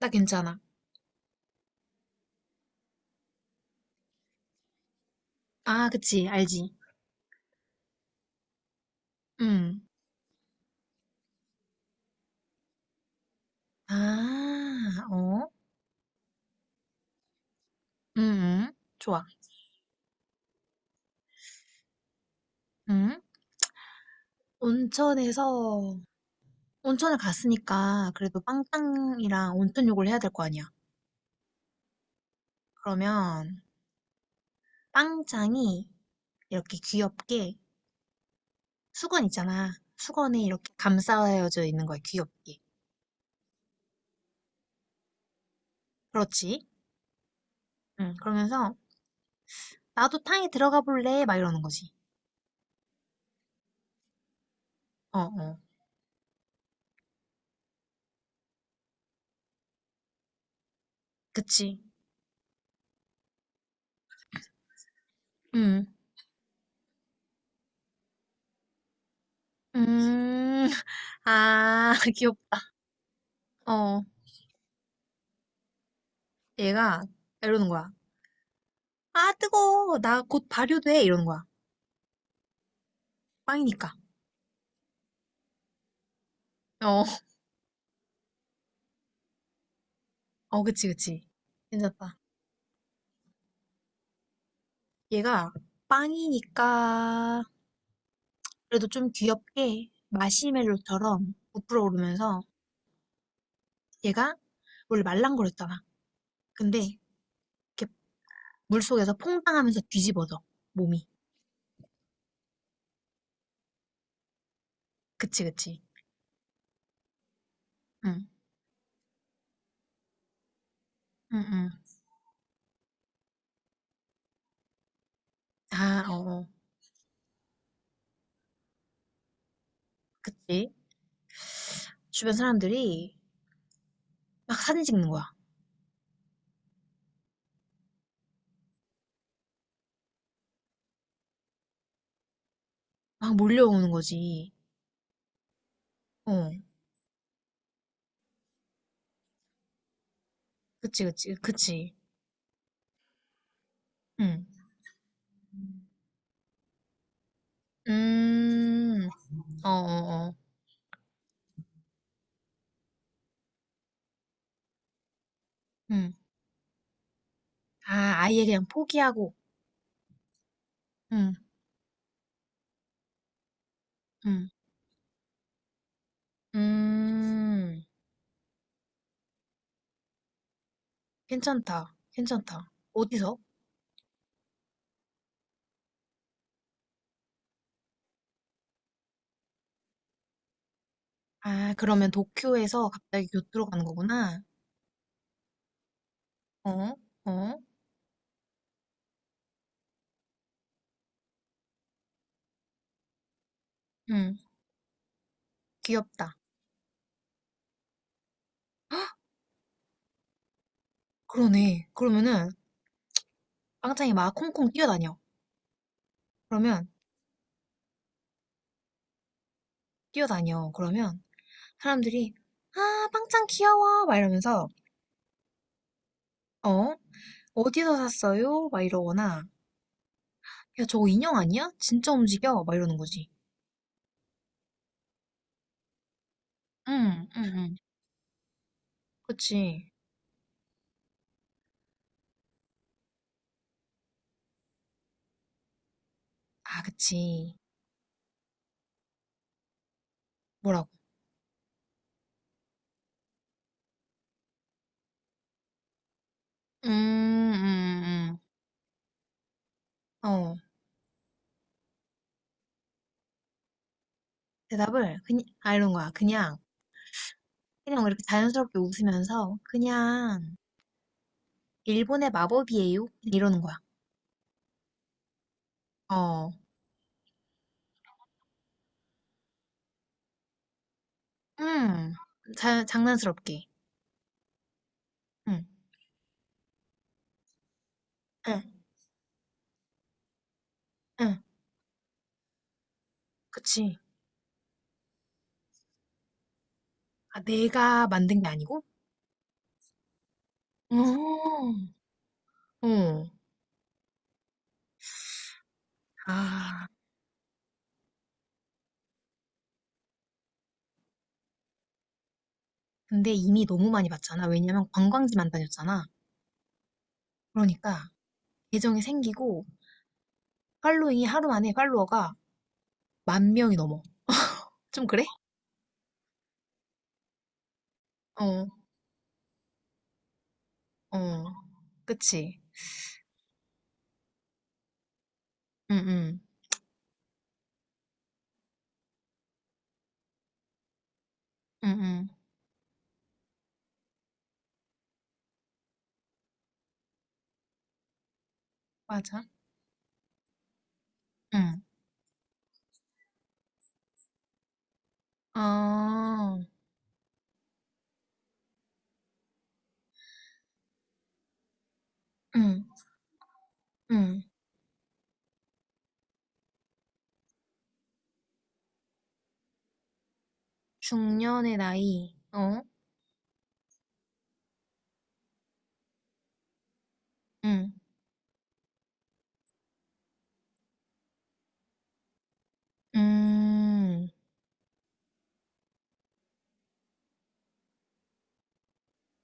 나 괜찮아. 아, 그치, 알지. 음. 아, 어? 음, 응. 좋아. 음. 온천에서, 온천을 갔으니까 그래도 빵짱이랑 온천 욕을 해야 될 거 아니야. 그러면 빵짱이 이렇게 귀엽게 수건 있잖아. 수건에 이렇게 감싸여져 있는 거야, 귀엽게. 그렇지? 응, 그러면서 나도 탕에 들어가 볼래? 막 이러는 거지. 어, 어. 그치. 응, 음, 아, 귀엽다. 어. 얘가 이러는 거야. 아, 뜨거워. 나 곧 발효돼. 이러는 거야. 빵이니까. 어, 어, 그치, 그치. 괜찮다. 얘가 빵이니까 그래도 좀 귀엽게 마시멜로처럼 부풀어 오르면서 얘가 원래 말랑거렸잖아. 근데 이렇게 물속에서 퐁당하면서 뒤집어져. 몸이. 그치, 그치. 응, 응, 응. 아, 어, 어. 그치. 주변 사람들이 막 사진 찍는 거야. 막 몰려오는 거지. 어, 그치, 그치, 그치. 응. 음. 어어어. 응. 아, 아예 그냥 포기하고. 응. 응. 음. 괜찮다. 괜찮다. 어디서? 아, 그러면 도쿄에서 갑자기 교토로 가는 거구나. 어? 어? 응. 귀엽다. 그러네. 그러면은 빵짱이 막 콩콩 뛰어다녀. 그러면 뛰어다녀. 그러면 사람들이 아, 빵짱 귀여워. 막 이러면서 어? 어디서 샀어요? 막 이러거나 야, 저거 인형 아니야? 진짜 움직여? 막 이러는 거지. 응, 응응. 그치. 아, 그치. 뭐라고? 음, 음, 어. 대답을 그냥 아 이런 거야. 그냥 그냥 이렇게 자연스럽게 웃으면서 그냥 일본의 마법이에요. 이러는 거야. 어. 음. 장난스럽게. 응. 응. 응. 그치. 아, 내가 만든 게 아니고? 어. 어. 아. 근데 이미 너무 많이 봤잖아. 왜냐면 관광지만 다녔잖아. 그러니까 계정이 생기고 팔로잉이 하루 만에 팔로워가 만 명이 넘어. 좀 그래? 어, 어. 그치? 응, 응, 응, 응. 맞아. 응. 아, 응, 응. 중년의 나이. 어? 응. 음,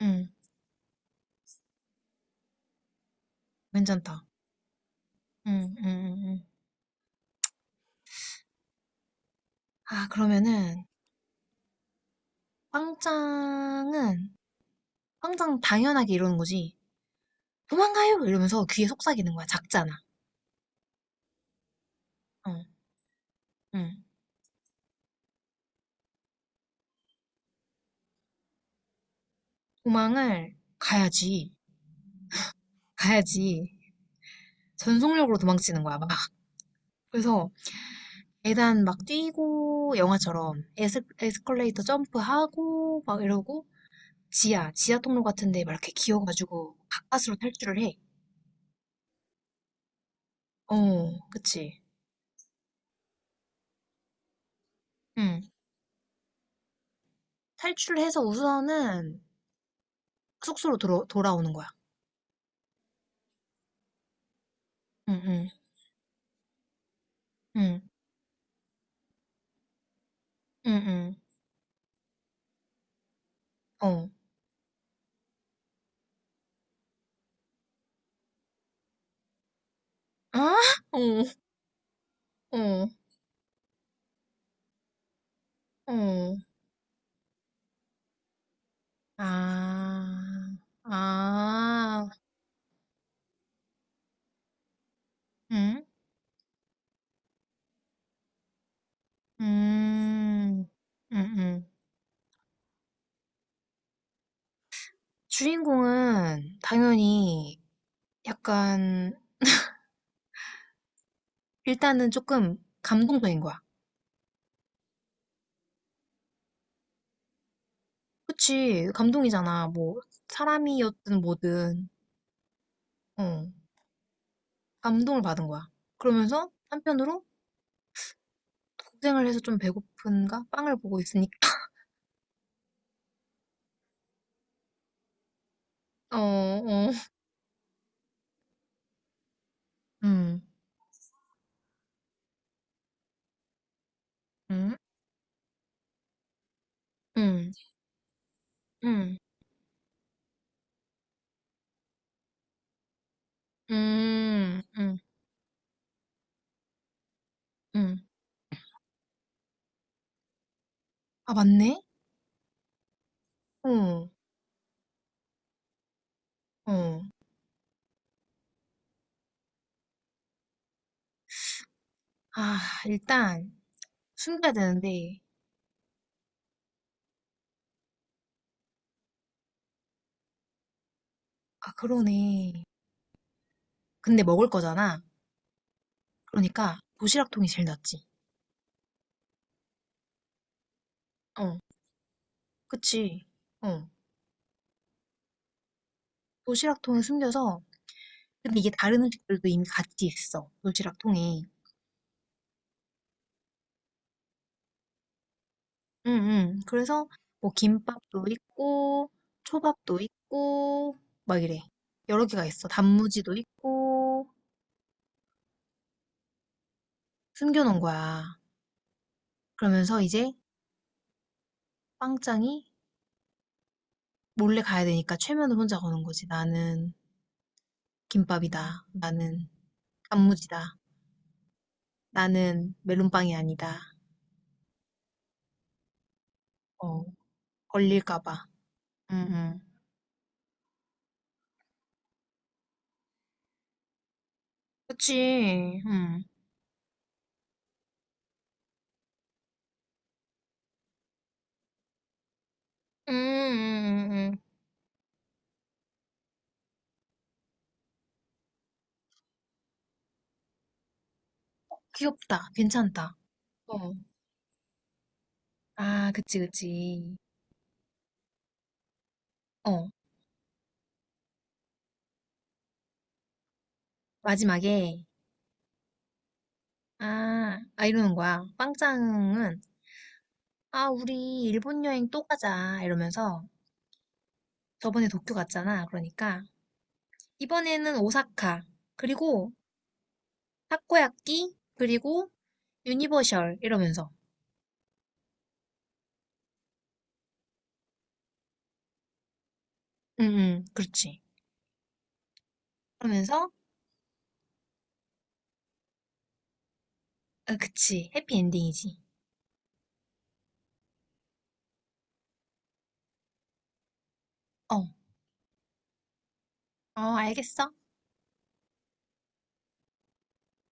응. 괜찮다. 응, 응, 응, 응. 아, 그러면은, 빵짱은, 빵짱 당연하게 이러는 거지. 도망가요! 이러면서 귀에 속삭이는 거야. 작잖아. 어, 응. 도망을 가야지. 가야지. 전속력으로 도망치는 거야, 막. 그래서, 계단 막 뛰고 영화처럼 에스컬레이터 점프하고 막 이러고 지하 통로 같은 데 막 이렇게 기어가지고 가까스로 탈출을 해. 어, 그치. 응. 탈출을 해서 우선은 숙소로 돌아오는 거야. 응, 응, 응, 응, 응. 어. 아? 어, 어, 어. 아, 아, 응? 음, 응, 응. 주인공은 당연히 약간 일단은 조금 감동적인 거야. 그치, 감동이잖아. 뭐, 사람이었든 뭐든, 어, 감동을 받은 거야. 그러면서 한편으로 고생을 해서 좀 배고픈가? 빵을 보고 있으니까. 어, 어, 음, 음, 음, 음, 음, 음, 음. 아, 맞네? 어, 어. 아, 일단 숨겨야 되는데, 아, 그러네. 근데 먹을 거잖아. 그러니까 도시락통이 제일 낫지. 어, 그치. 어. 도시락통에 숨겨서 근데 이게 다른 음식들도 이미 같이 있어. 도시락통에. 응응. 그래서 뭐 김밥도 있고 초밥도 있고 막 이래. 여러 개가 있어. 단무지도 있고 숨겨놓은 거야. 그러면서 이제 빵짱이 몰래 가야 되니까 최면을 혼자 거는 거지. 나는 김밥이다. 나는 단무지다. 나는 멜론빵이 아니다. 어, 걸릴까 봐. 응응. 그치. 응. 음, 음, 음, 음. 귀엽다. 괜찮다. 어. 아, 그치, 그치. 어, 마지막에, 아, 아, 이러는 거야. 빵짱은, 아, 우리 일본 여행 또 가자. 이러면서, 저번에 도쿄 갔잖아. 그러니까, 이번에는 오사카, 그리고 타코야끼, 그리고 유니버셜. 이러면서. 응, 응, 그렇지. 그러면서, 아, 그치. 해피엔딩이지. 어, 어, 알겠어.